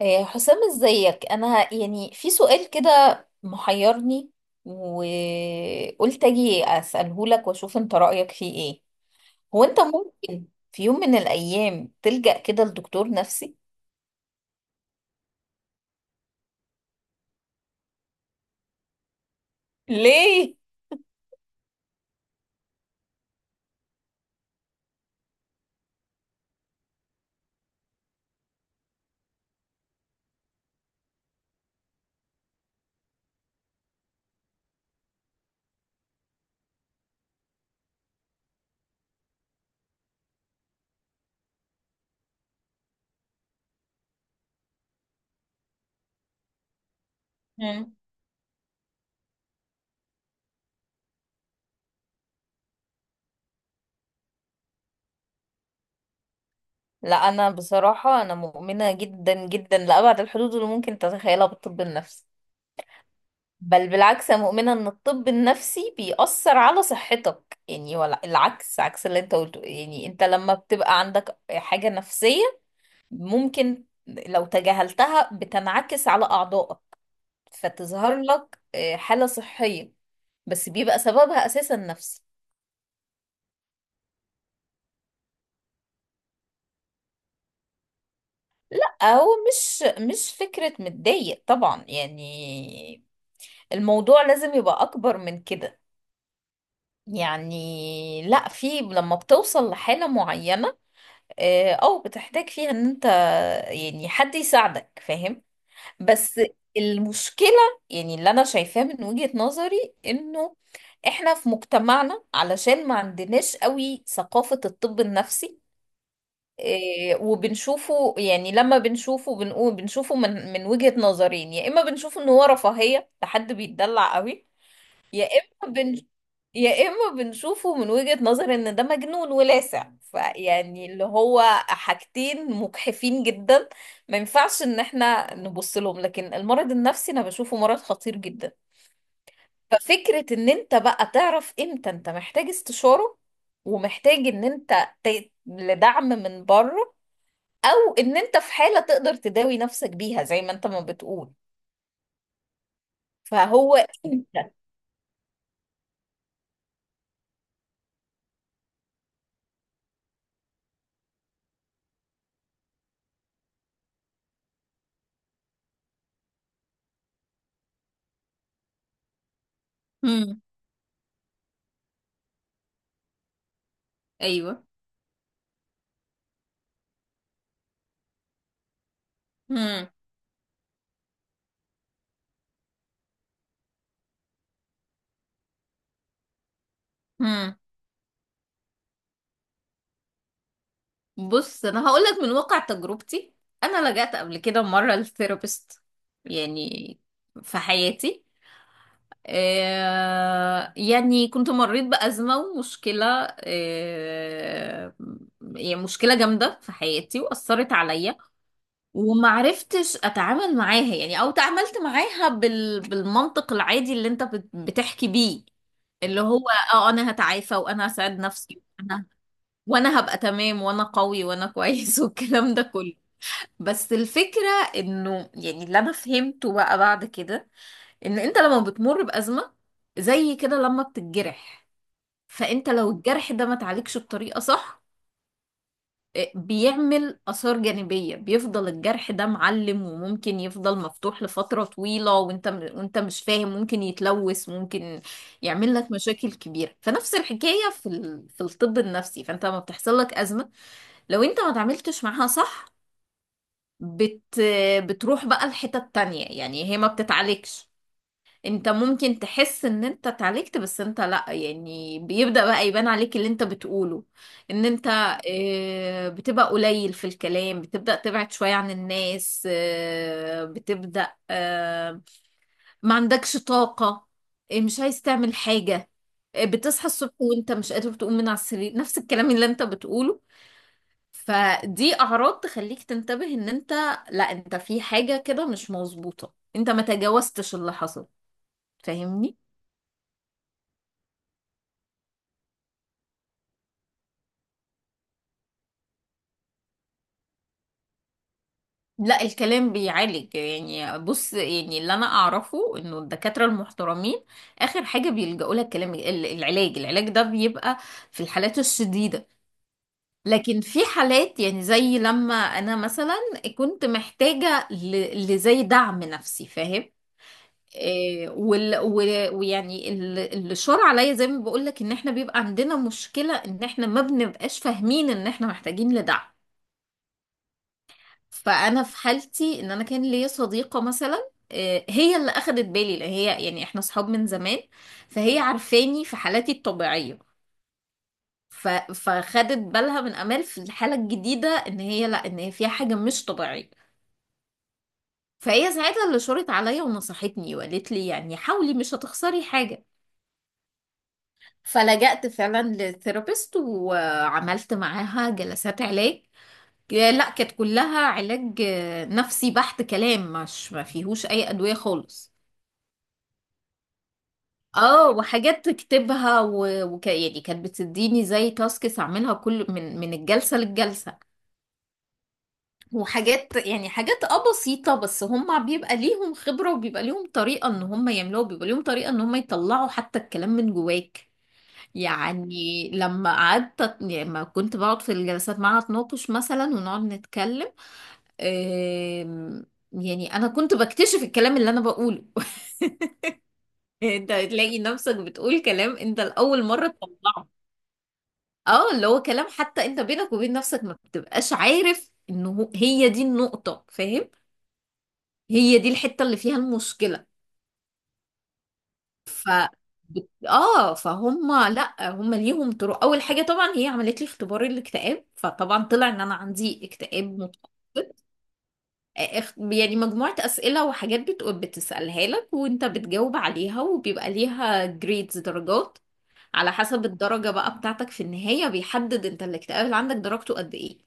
إيه، حسام ازيك. انا يعني في سؤال كده محيرني، وقلت اجي اساله لك واشوف انت رايك فيه ايه. هو انت ممكن في يوم من الايام تلجأ كده لدكتور نفسي ليه؟ مم. لا انا بصراحه انا مؤمنه جدا جدا لابعد الحدود اللي ممكن تتخيلها بالطب النفسي. بل بالعكس، انا مؤمنه ان الطب النفسي بيأثر على صحتك، يعني ولا العكس، عكس اللي انت قلته. يعني انت لما بتبقى عندك حاجه نفسيه ممكن لو تجاهلتها بتنعكس على أعضائك، فتظهر لك حالة صحية بس بيبقى سببها أساسا نفسي. لا هو مش فكرة متضايق طبعا، يعني الموضوع لازم يبقى أكبر من كده. يعني لا، في لما بتوصل لحالة معينة أو بتحتاج فيها إن أنت يعني حد يساعدك، فاهم؟ بس المشكلة، يعني اللي أنا شايفاه من وجهة نظري إنه إحنا في مجتمعنا علشان ما عندناش قوي ثقافة الطب النفسي، إيه، وبنشوفه. يعني لما بنشوفه بنقول، بنشوفه من وجهة نظرين، يا إما بنشوف إن هو رفاهية لحد بيتدلع قوي، يا اما بن يا اما بنشوفه من وجهة نظر ان ده مجنون ولاسع. فيعني اللي هو حاجتين مجحفين جدا، ما ينفعش ان احنا نبص لهم. لكن المرض النفسي انا بشوفه مرض خطير جدا. ففكرة ان انت بقى تعرف امتى انت محتاج استشارة ومحتاج ان انت لدعم من بره، او ان انت في حالة تقدر تداوي نفسك بيها زي ما انت ما بتقول. فهو انت. امم. ايوه. امم. بص انا هقول لك من واقع تجربتي، انا لجأت قبل كده مره للثيرابيست، يعني في حياتي. آه يعني كنت مريت بأزمة ومشكلة، آه يعني مشكلة جامدة في حياتي وأثرت عليا، ومعرفتش أتعامل معاها. يعني أو تعاملت معاها بالمنطق العادي اللي أنت بتحكي بيه، اللي هو اه انا هتعافى وانا هساعد نفسي وانا هبقى تمام وانا قوي وانا كويس والكلام ده كله. بس الفكرة، انه يعني اللي انا فهمته بقى بعد كده، ان انت لما بتمر بأزمة زي كده لما بتتجرح، فانت لو الجرح ده ما تعالجش بطريقة صح، إيه، بيعمل آثار جانبية، بيفضل الجرح ده معلم وممكن يفضل مفتوح لفترة طويلة وانت مش فاهم، ممكن يتلوث، ممكن يعمل لك مشاكل كبيرة. فنفس الحكاية في في الطب النفسي. فانت لما بتحصل لك أزمة، لو انت ما تعملتش معاها صح، بت... بتروح بقى الحتة التانية، يعني هي ما بتتعالجش. انت ممكن تحس ان انت اتعالجت بس انت لا. يعني بيبدأ بقى يبان عليك اللي انت بتقوله، ان انت اه، بتبقى قليل في الكلام، بتبدأ تبعد شوية عن الناس، اه، بتبدأ ما عندكش طاقة، اه، مش عايز تعمل حاجة، اه، بتصحى الصبح وانت مش قادر تقوم من على السرير، نفس الكلام اللي انت بتقوله. فدي اعراض تخليك تنتبه ان انت، لا انت في حاجة كده مش مظبوطة، انت ما تجاوزتش اللي حصل، فاهمني؟ لا الكلام بيعالج. يعني بص يعني اللي انا اعرفه انه الدكاترة المحترمين اخر حاجة بيلجأوا لها الكلام. العلاج، العلاج ده بيبقى في الحالات الشديدة. لكن في حالات، يعني زي لما انا مثلا كنت محتاجة لزي دعم نفسي، فاهم؟ آه، وال... و- ويعني ال- اللي شار عليا زي ما بقولك، ان احنا بيبقى عندنا مشكلة ان احنا ما بنبقاش فاهمين ان احنا محتاجين لدعم. فانا في حالتي، ان انا كان ليا صديقة مثلا، آه، هي اللي اخدت بالي، لان هي يعني احنا صحاب من زمان، فهي عارفاني في حالاتي الطبيعية. فخدت بالها من امال، في الحالة الجديدة ان هي لا، ان هي فيها حاجة مش طبيعية. فهي ساعتها اللي شارت عليا ونصحتني وقالت لي يعني حاولي، مش هتخسري حاجة. فلجأت فعلا للثيرابيست وعملت معاها جلسات علاج. لا كانت كلها علاج نفسي بحت، كلام، مش ما فيهوش اي ادوية خالص. اه وحاجات تكتبها و يعني كانت بتديني زي تاسكس اعملها كل من الجلسة للجلسة. وحاجات يعني حاجات اه بسيطة، بس هم بيبقى ليهم خبرة وبيبقى ليهم طريقة ان هم يعملوها، بيبقى ليهم طريقة ان هم يطلعوا حتى الكلام من جواك. يعني لما قعدت أت- يعني لما كنت بقعد في الجلسات معاها اتناقش مثلا ونقعد نتكلم، آم، يعني انا كنت بكتشف الكلام اللي انا بقوله. انت تلاقي نفسك بتقول كلام انت لاول مره تطلعه، اه اللي هو كلام حتى انت بينك وبين نفسك ما بتبقاش عارف انه هي دي النقطه، فاهم؟ هي دي الحته اللي فيها المشكله. ف بت- اه فهم لا هم ليهم طرق. اول حاجه طبعا هي عملت لي اختبار الاكتئاب، فطبعا طلع ان انا عندي اكتئاب متوسط. يعني مجموعه اسئله وحاجات بتسالها لك وانت بتجاوب عليها، وبيبقى ليها جريدز درجات، على حسب الدرجه بقى بتاعتك في النهايه بيحدد انت الاكتئاب اللي عندك درجته قد ايه.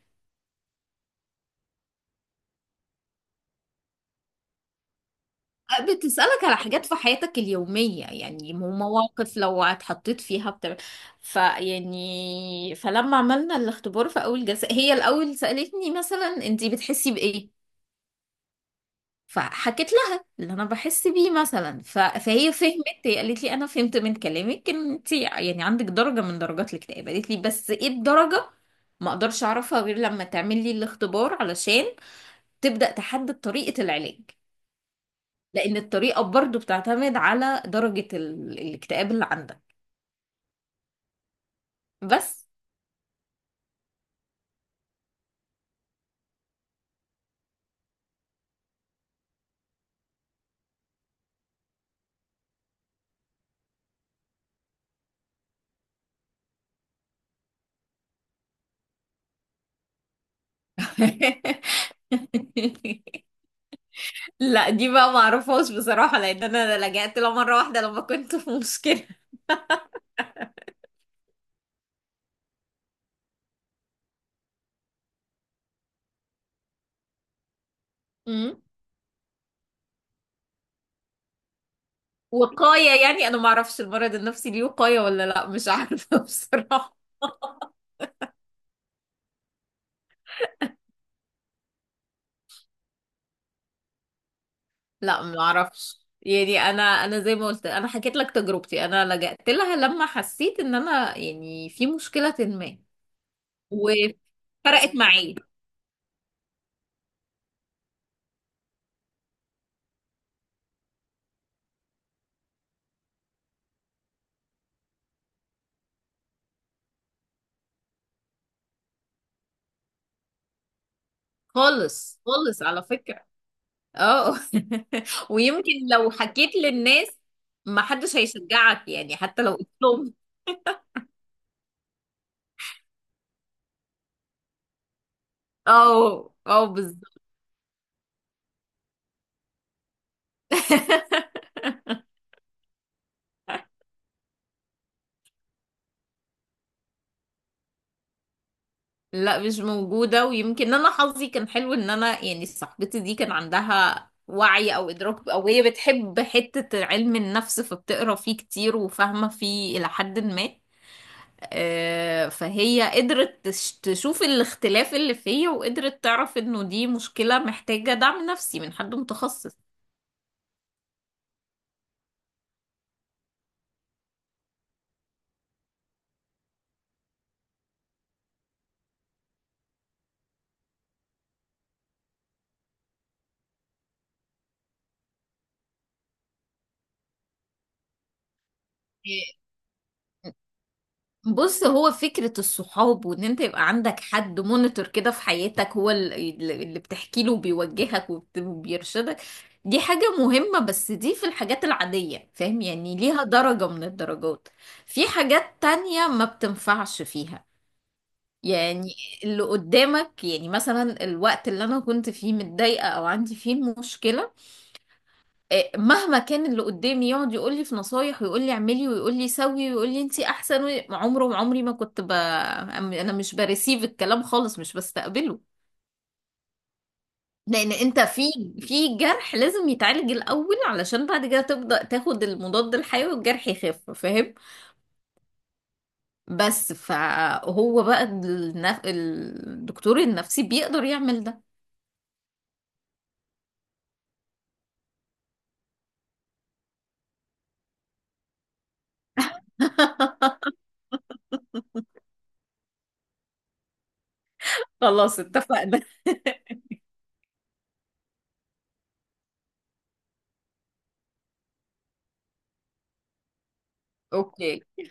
بتسألك على حاجات في حياتك اليومية، يعني مواقف لو اتحطيت فيها بتبقى. فيعني فلما عملنا الاختبار في أول جلسة، هي الأول سألتني مثلا انتي بتحسي بإيه. فحكيت لها اللي أنا بحس بيه مثلا، فهي فهمت. هي قالت لي أنا فهمت من كلامك إن انتي يعني عندك درجة من درجات الاكتئاب، قالت لي بس إيه الدرجة ما أقدرش أعرفها غير لما تعملي الاختبار، علشان تبدأ تحدد طريقة العلاج. لان الطريقه برضو بتعتمد على درجه الاكتئاب اللي عندك. بس. لا دي بقى معرفهاش بصراحه، لان انا لجأت لها مره واحده لما كنت في مشكله. أمم. وقايه يعني انا معرفش المرض النفسي ليه وقايه ولا لا، مش عارفه بصراحه. لا ما اعرفش، يعني انا انا زي ما قلت انا حكيت لك تجربتي، انا لجأت لها لما حسيت ان انا يعني في مشكلة ما. وفرقت معايا. خالص خالص على فكرة. اه. ويمكن لو حكيت للناس ما حدش هيشجعك، يعني حتى لو قلت لهم. اه. اه بالظبط. لا مش موجودة. ويمكن انا حظي كان حلو ان انا يعني صاحبتي دي كان عندها وعي او ادراك، او هي بتحب حتة علم النفس فبتقرا فيه كتير وفاهمة فيه الى حد ما. آه، فهي قدرت تشوف الاختلاف اللي فيا، وقدرت تعرف انه دي مشكلة محتاجة دعم نفسي من حد متخصص. آه، بص هو فكرة الصحاب وان انت يبقى عندك حد مونيتور كده في حياتك، هو اللي بتحكي له وبيوجهك وبيرشدك، دي حاجة مهمة. بس دي في الحاجات العادية، فاهم؟ يعني ليها درجة من الدرجات. في حاجات تانية ما بتنفعش فيها. يعني اللي قدامك، يعني مثلا الوقت اللي انا كنت فيه متضايقه او عندي فيه المشكله، آه، مهما كان اللي قدامي يقعد يقول لي في نصايح ويقول لي اعملي ويقول لي سوي ويقول لي انتي احسن عمره عمري ما كنت انا مش بريسيف الكلام خالص، مش بستقبله. لان انت في جرح لازم يتعالج الاول، علشان بعد كده تبدا تاخد المضاد الحيوي والجرح يخف، فاهم؟ بس فهو بقى الدكتور النفسي بيقدر يعمل ده. خلاص اتفقنا. اوكي.